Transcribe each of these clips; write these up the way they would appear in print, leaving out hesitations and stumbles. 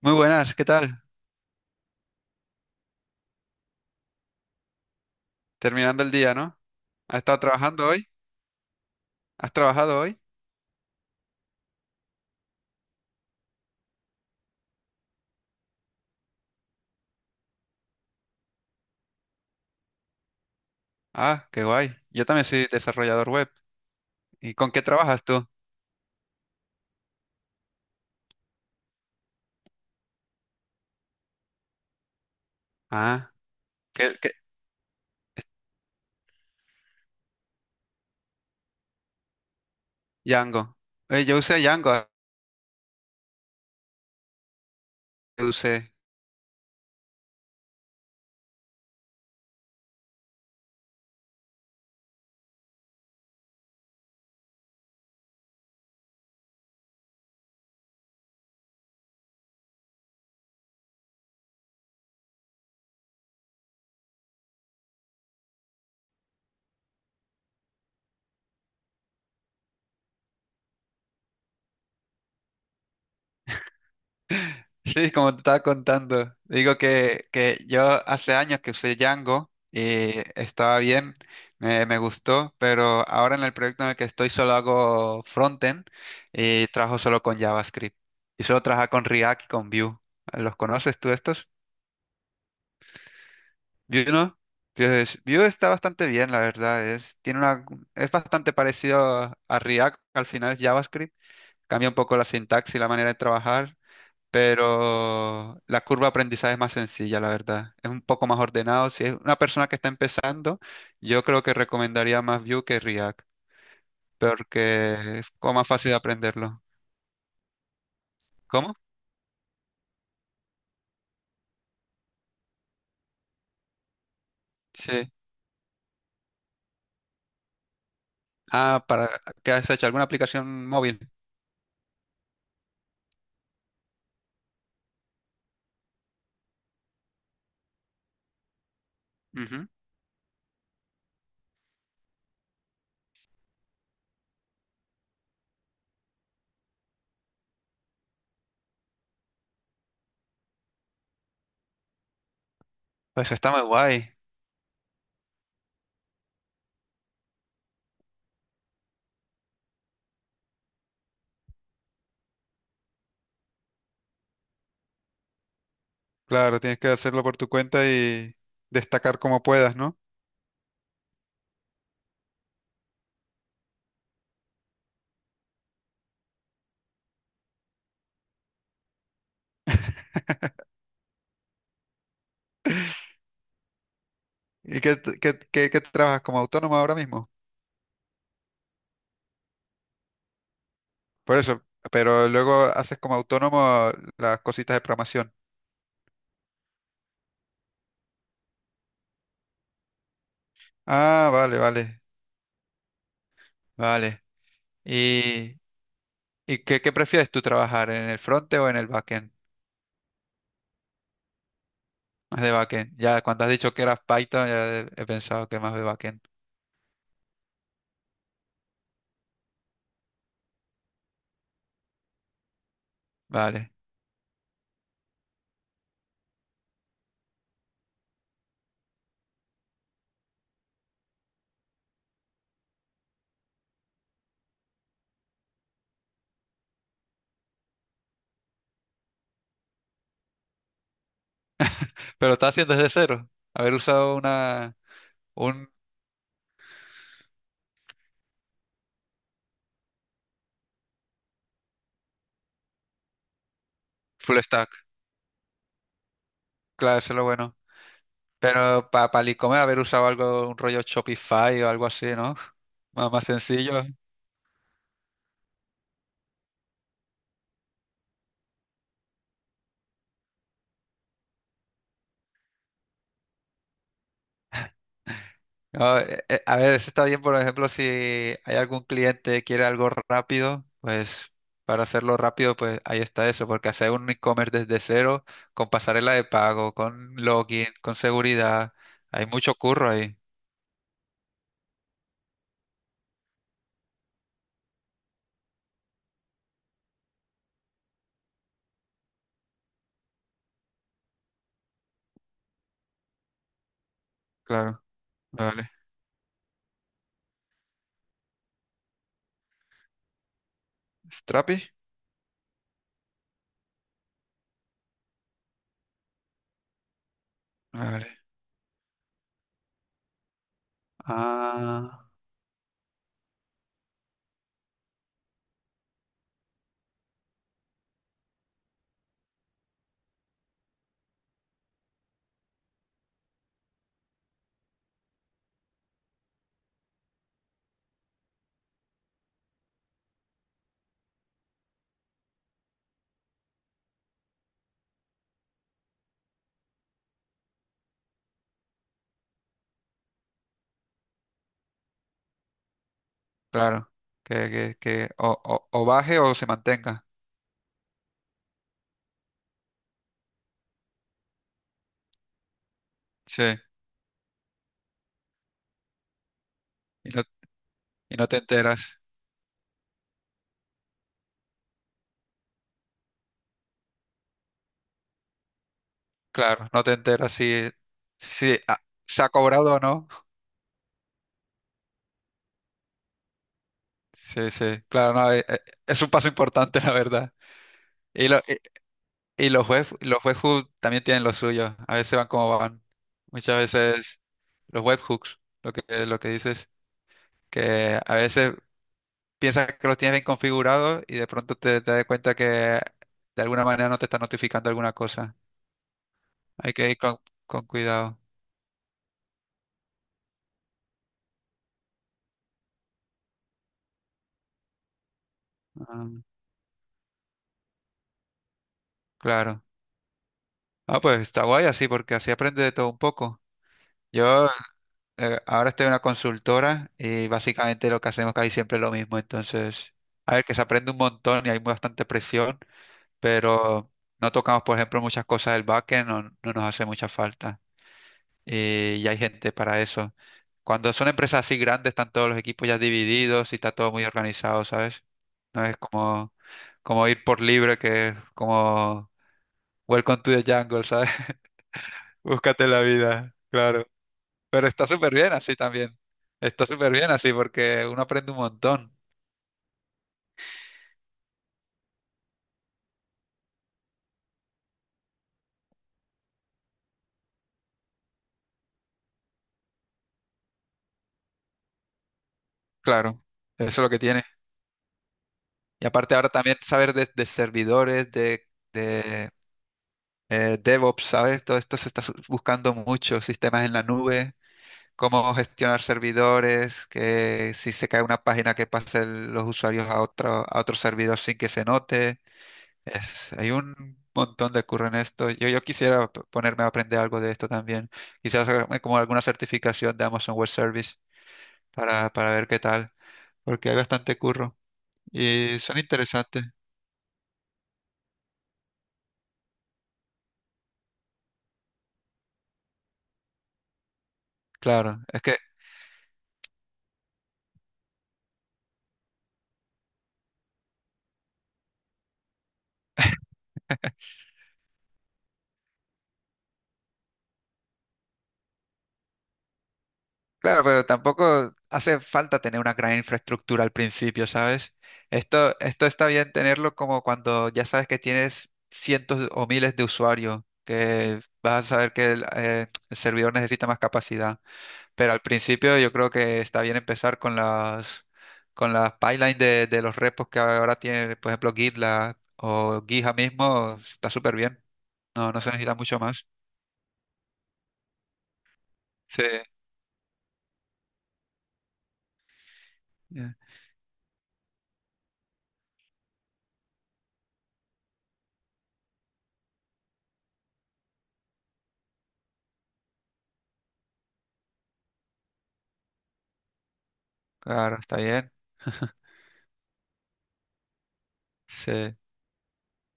Muy buenas, ¿qué tal? Terminando el día, ¿no? ¿Has estado trabajando hoy? ¿Has trabajado hoy? Ah, qué guay. Yo también soy desarrollador web. ¿Y con qué trabajas tú? Ah, ¿qué? Django. Yo usé Django, ah, yo usé. Sí, como te estaba contando. Digo que yo hace años que usé Django y estaba bien, me gustó, pero ahora en el proyecto en el que estoy solo hago frontend y trabajo solo con JavaScript. Y solo trabajo con React y con Vue. ¿Los conoces tú estos? Yu no. Entonces, Yu está bastante bien, la verdad. Es, tiene una, es bastante parecido a React, al final es JavaScript. Cambia un poco la sintaxis y la manera de trabajar, pero la curva de aprendizaje es más sencilla, la verdad. Es un poco más ordenado. Si es una persona que está empezando, yo creo que recomendaría más Vue que React, porque es como más fácil de aprenderlo. ¿Cómo? Sí. Ah, para, ¿qué has hecho? ¿Alguna aplicación móvil? Ujú. Pues está muy guay. Claro, tienes que hacerlo por tu cuenta y destacar como puedas, ¿no? ¿Y qué, qué- qué- qué trabajas como autónomo ahora mismo? Por eso, pero luego haces como autónomo las cositas de programación. Ah, vale, vale, vale. ¿Y, y qué, qué prefieres tú trabajar, en el frontend o en el backend? Más de backend. Ya cuando has dicho que eras Python, ya he pensado que más de backend. Vale. Pero estás haciendo desde cero. Haber usado una, un full stack. Claro, eso es lo bueno. Pero para pa el e-commerce haber usado algo, un rollo Shopify o algo así, ¿no? Más, más sencillo. No, a ver, eso está bien, por ejemplo, si hay algún cliente que quiere algo rápido, pues para hacerlo rápido, pues ahí está eso, porque hacer un e-commerce desde cero, con pasarela de pago, con login, con seguridad, hay mucho curro ahí. Claro, vale. ¿Strapi? Vale. Ah, claro. Que o baje o se mantenga. Sí. Y no, y no te enteras. Claro, no te enteras si, si ah, se ha cobrado o no. Sí, sí, claro, no, es un paso importante, la verdad. Y, lo- y los los webhooks también tienen lo suyo. A veces van como van. Muchas veces los webhooks, lo lo que dices, que a veces piensas que los tienes bien configurados y de pronto te das cuenta que de alguna manera no te está notificando alguna cosa. Hay que ir con cuidado. Ah, claro. Ah, pues está guay así, porque así aprende de todo un poco. Yo ahora estoy en una consultora y básicamente lo que hacemos casi siempre es lo mismo. Entonces, a ver, que se aprende un montón y hay bastante presión, pero no tocamos, por ejemplo, muchas cosas del backend, no nos hace mucha falta. Y hay gente para eso. Cuando son empresas así grandes, están todos los equipos ya divididos y está todo muy organizado, ¿sabes? No es como, como ir por libre, que es como Welcome to the jungle, ¿sabes? Búscate la vida, claro. Pero está súper bien así también. Está súper bien así porque uno aprende un montón. Claro, eso es lo que tiene. Y aparte ahora también saber de servidores, de DevOps, ¿sabes? Todo esto se está buscando mucho, sistemas en la nube, cómo gestionar servidores, que si se cae una página que pase los usuarios a otro servidor sin que se note. Es, hay un montón de curro en esto. Yo quisiera ponerme a aprender algo de esto también. Quizás hacerme como alguna certificación de Amazon Web Service para ver qué tal, porque hay bastante curro y son interesantes. Claro, es que, claro, pero tampoco hace falta tener una gran infraestructura al principio, ¿sabes? Esto está bien tenerlo como cuando ya sabes que tienes cientos o miles de usuarios, que vas a saber que el servidor necesita más capacidad. Pero al principio yo creo que está bien empezar con las pipelines de los repos que ahora tiene, por ejemplo, GitLab o Gija mismo, está súper bien. No, no se necesita mucho más. Sí, ya, claro, está bien. Sí.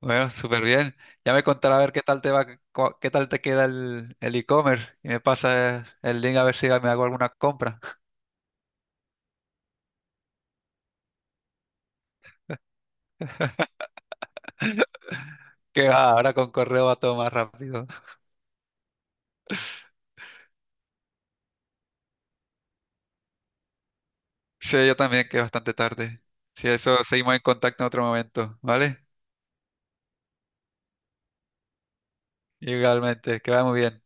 Bueno, súper bien. Ya me contará a ver qué tal te va, qué tal te queda el e-commerce. Y me pasa el link a ver si me hago alguna compra. Que va, ahora con correo va todo más rápido. Sí, yo también, que es bastante tarde. Si eso, seguimos en contacto en otro momento, ¿vale? Igualmente, que va muy bien.